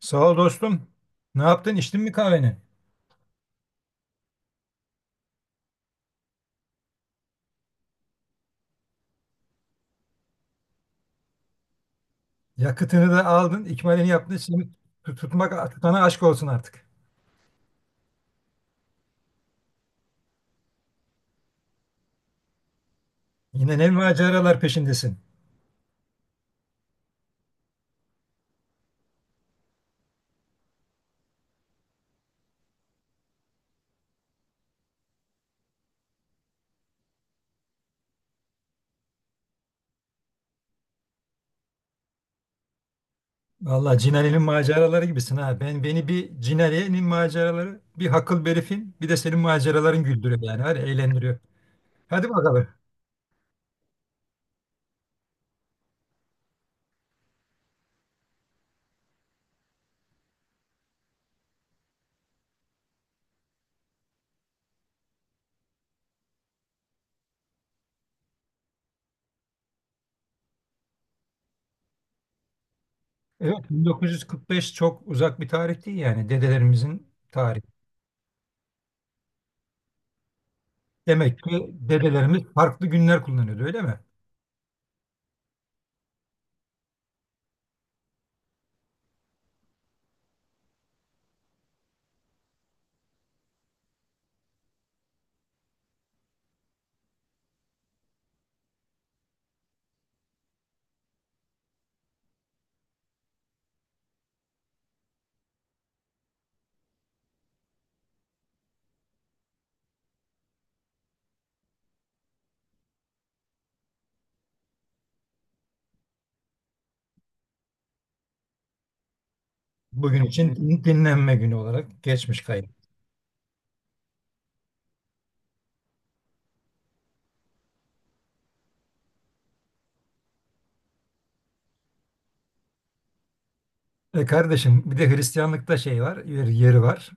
Sağ ol dostum. Ne yaptın? İçtin mi kahveni? Yakıtını da aldın, ikmalini yaptın. Şimdi tutmak tutana aşk olsun artık. Yine ne maceralar peşindesin. Vallahi Cinali'nin maceraları gibisin ha. Ben beni bir Cinali'nin maceraları, bir Hakıl Berif'in, bir de senin maceraların güldürüyor yani. Hadi eğlendiriyor. Hadi bakalım. Evet, 1945 çok uzak bir tarih değil, yani dedelerimizin tarihi. Demek ki dedelerimiz farklı günler kullanıyordu, öyle mi? Bugün için dinlenme günü olarak geçmiş. E kardeşim, bir de Hristiyanlıkta şey var, yeri var.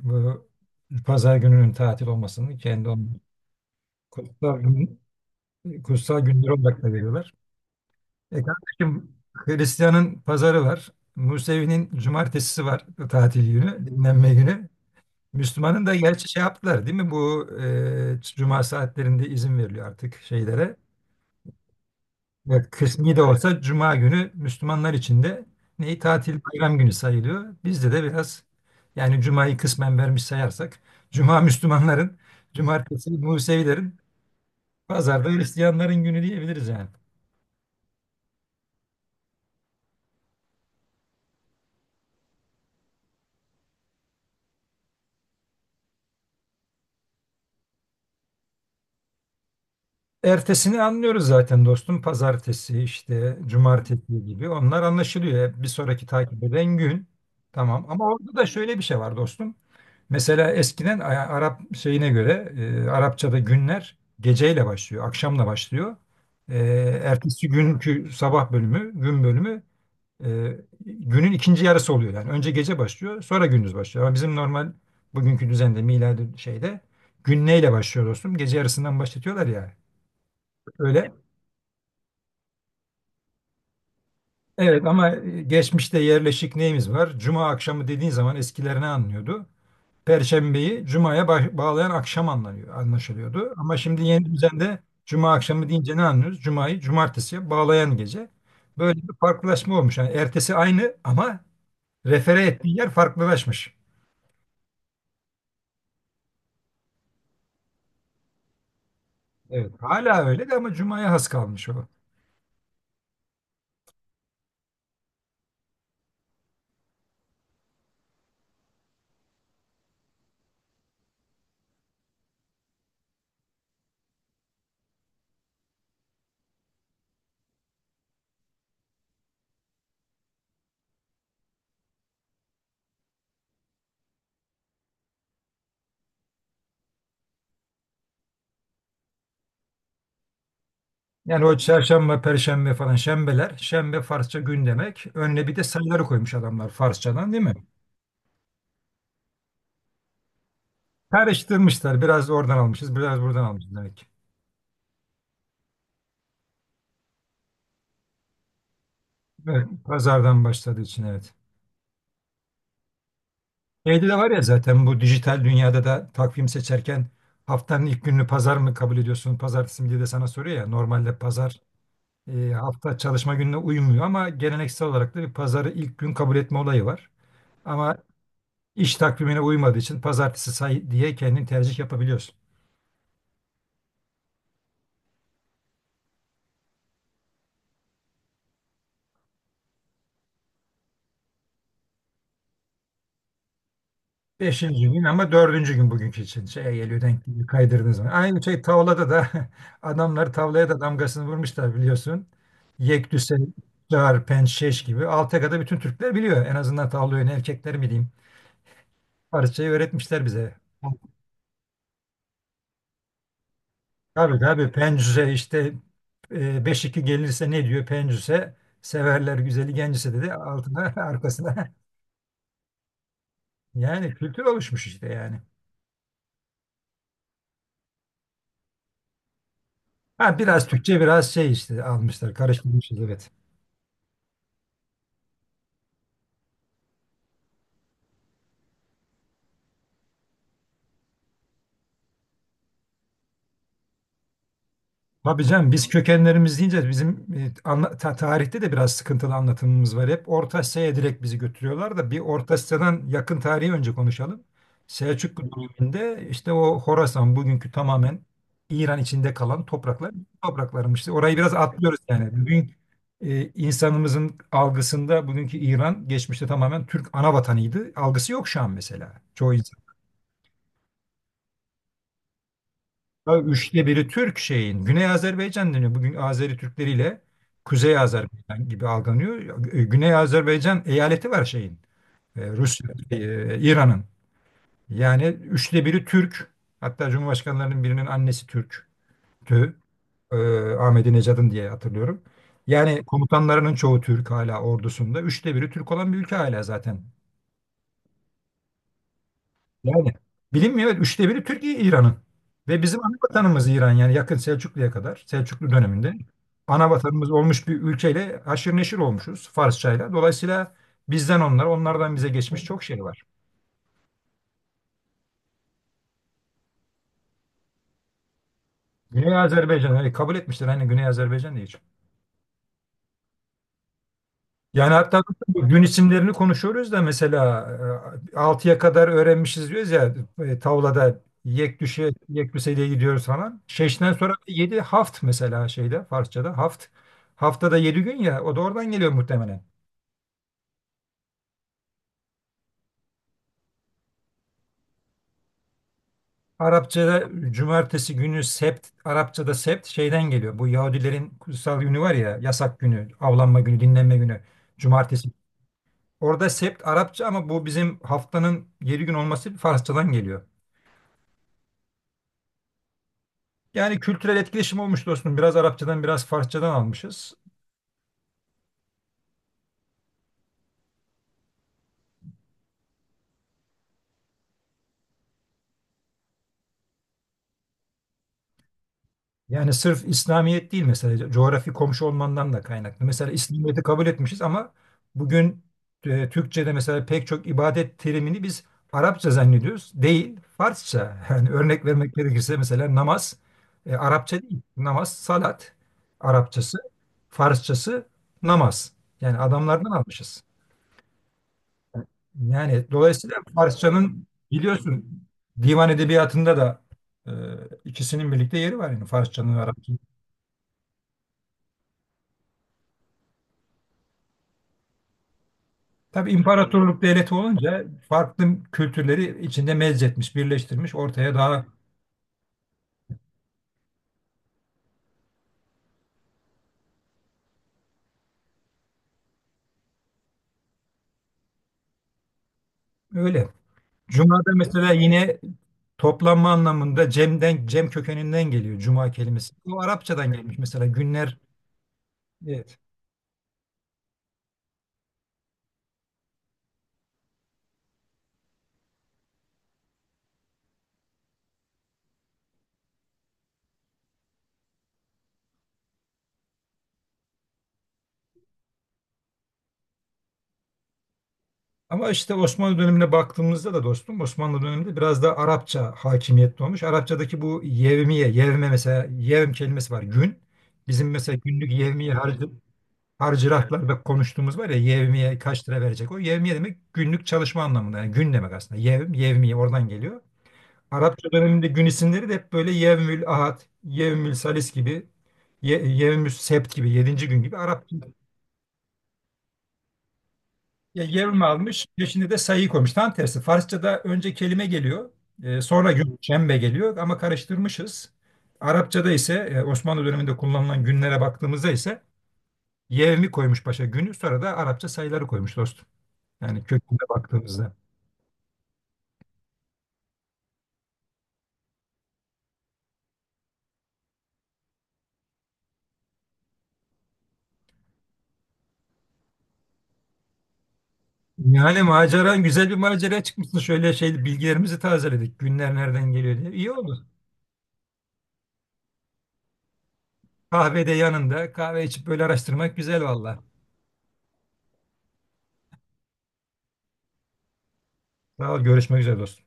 Bu pazar gününün tatil olmasını kendi kutsal gün, kutsal günleri olarak da veriyorlar. E kardeşim, Hristiyan'ın pazarı var. Musevi'nin cumartesisi var, tatil günü, dinlenme günü. Müslüman'ın da gerçi şey yaptılar değil mi? Bu cuma saatlerinde izin veriliyor artık şeylere. Evet, kısmi de olsa Cuma günü Müslümanlar için de neyi tatil bayram günü sayılıyor. Bizde de biraz yani Cuma'yı kısmen vermiş sayarsak, Cuma Müslümanların, Cumartesi Musevilerin, Pazarda Hristiyanların günü diyebiliriz yani. Ertesini anlıyoruz zaten dostum. Pazartesi işte Cumartesi gibi onlar anlaşılıyor. Bir sonraki takip eden gün, tamam, ama orada da şöyle bir şey var dostum. Mesela eskiden Arap şeyine göre Arapçada günler geceyle başlıyor, akşamla başlıyor. E, Ertesi günkü sabah bölümü, gün bölümü, e, günün ikinci yarısı oluyor. Yani önce gece başlıyor, sonra gündüz başlıyor. Ama bizim normal bugünkü düzende, miladi şeyde, gün neyle başlıyor dostum? Gece yarısından başlatıyorlar ya. Öyle. Evet ama geçmişte yerleşik neyimiz var? Cuma akşamı dediğin zaman eskiler ne anlıyordu? Perşembeyi Cuma'ya bağlayan akşam anlanıyor, anlaşılıyordu. Ama şimdi yeni düzende Cuma akşamı deyince ne anlıyoruz? Cuma'yı Cumartesi'ye bağlayan gece. Böyle bir farklılaşma olmuş. Yani ertesi aynı ama refere ettiği yer farklılaşmış. Evet. Hala öyle de, ama Cuma'ya has kalmış o. Yani o çarşamba, perşembe falan şembeler. Şembe Farsça gün demek. Önüne bir de sayıları koymuş adamlar Farsçadan, değil mi? Karıştırmışlar. Biraz oradan almışız, biraz buradan almışız demek. Evet, pazardan başladığı için, evet. Şeyde de var ya zaten, bu dijital dünyada da takvim seçerken haftanın ilk gününü pazar mı kabul ediyorsun, pazartesi mi diye de sana soruyor ya. Normalde pazar hafta çalışma gününe uymuyor ama geleneksel olarak da bir pazarı ilk gün kabul etme olayı var. Ama iş takvimine uymadığı için pazartesi say diye kendin tercih yapabiliyorsun. Beşinci gün ama dördüncü gün bugünkü için şeye geliyor, denk geliyor, kaydırdığınız zaman. Aynı şey tavlada da adamlar tavlaya da damgasını vurmuşlar, biliyorsun. Yekdüse, Çağır, Pençeş gibi Alteka'da bütün Türkler biliyor. En azından tavla oyunu erkekler mi diyeyim. Parçayı öğretmişler bize. Tabii tabii, Pencüse işte, 5-2 gelirse ne diyor Pencüse? Severler güzeli gencise dedi altına arkasına. Yani kültür oluşmuş işte yani. Ha, biraz Türkçe biraz şey işte almışlar, karıştırmışız, evet. Tabii canım, biz kökenlerimiz deyince bizim tarihte de biraz sıkıntılı anlatımımız var. Hep Orta Asya'ya direkt bizi götürüyorlar da bir Orta Asya'dan yakın tarihi önce konuşalım. Selçuklu döneminde işte o Horasan bugünkü tamamen İran içinde kalan topraklar topraklarmış. Orayı biraz atlıyoruz yani. Bugün insanımızın algısında bugünkü İran geçmişte tamamen Türk ana vatanıydı. Algısı yok şu an mesela. Çoğu. Ya üçte biri Türk şeyin. Güney Azerbaycan deniyor. Bugün Azeri Türkleriyle Kuzey Azerbaycan gibi algılanıyor. Güney Azerbaycan eyaleti var şeyin. E, Rusya, İran'ın. Yani üçte biri Türk. Hatta Cumhurbaşkanlarının birinin annesi Türk'tü. E, Ahmedi Necadın diye hatırlıyorum. Yani komutanlarının çoğu Türk hala ordusunda. Üçte biri Türk olan bir ülke hala zaten. Yani bilinmiyor. Evet, üçte biri Türkiye, İran'ın. Ve bizim ana vatanımız İran yani, yakın Selçuklu'ya kadar, Selçuklu döneminde ana vatanımız olmuş bir ülkeyle haşır neşir olmuşuz Farsçayla. Dolayısıyla bizden onlar, onlardan bize geçmiş çok şey var. Güney Azerbaycan hani kabul etmişler. Hani Güney Azerbaycan diye. Yani hatta gün isimlerini konuşuyoruz da mesela 6'ya kadar öğrenmişiz diyoruz ya, tavlada yek düşe yek düseliğe gidiyoruz falan. Şeşten sonra 7 haft mesela, şeyde Farsçada haft. Haftada 7 gün ya, o da oradan geliyor muhtemelen. Arapçada cumartesi günü sept, Arapçada sept şeyden geliyor. Bu Yahudilerin kutsal günü var ya, yasak günü, avlanma günü, dinlenme günü cumartesi. Orada sept Arapça ama bu bizim haftanın 7 gün olması Farsçadan geliyor. Yani kültürel etkileşim olmuş dostum. Biraz Arapçadan, biraz Farsçadan almışız. Yani sırf İslamiyet değil mesela, coğrafi komşu olmandan da kaynaklı. Mesela İslamiyet'i kabul etmişiz ama bugün Türkçe'de mesela pek çok ibadet terimini biz Arapça zannediyoruz. Değil, Farsça. Yani örnek vermek gerekirse mesela namaz Arapça değil. Namaz, salat Arapçası, Farsçası namaz. Yani adamlardan almışız. Yani dolayısıyla Farsçanın biliyorsun, divan edebiyatında da e, ikisinin birlikte yeri var, yani Farsçanın ve Arapçanın. Tabii imparatorluk devleti olunca farklı kültürleri içinde mezzetmiş, birleştirmiş ortaya daha. Öyle. Cuma'da mesela yine toplanma anlamında cemden, cem kökeninden geliyor cuma kelimesi. O Arapçadan gelmiş mesela günler. e, Ama işte Osmanlı dönemine baktığımızda da dostum, Osmanlı döneminde biraz da Arapça hakimiyetli olmuş. Arapçadaki bu yevmiye, yevme, mesela yevm kelimesi var, gün. Bizim mesela günlük yevmiye harcı, evet, harcırahlarda konuştuğumuz var ya, yevmiye kaç lira verecek. O yevmiye demek günlük çalışma anlamında, yani gün demek aslında. Yevm, yevmiye oradan geliyor. Arapça döneminde gün isimleri de hep böyle yevmül ahad, yevmül salis gibi, yevmül sebt gibi, yedinci gün gibi, Arap. Ya Yevm almış, peşine de sayıyı koymuş. Tam tersi. Farsça'da önce kelime geliyor, sonra gün, şembe geliyor, ama karıştırmışız. Arapça'da ise Osmanlı döneminde kullanılan günlere baktığımızda ise yevmi koymuş başa, günü, sonra da Arapça sayıları koymuş dostum. Yani köküne baktığımızda. Yani maceran güzel bir maceraya çıkmışsın. Şöyle şey bilgilerimizi tazeledik. Günler nereden geliyor diye. İyi oldu. Kahvede yanında kahve içip böyle araştırmak güzel valla. Sağ ol, görüşmek üzere dostum.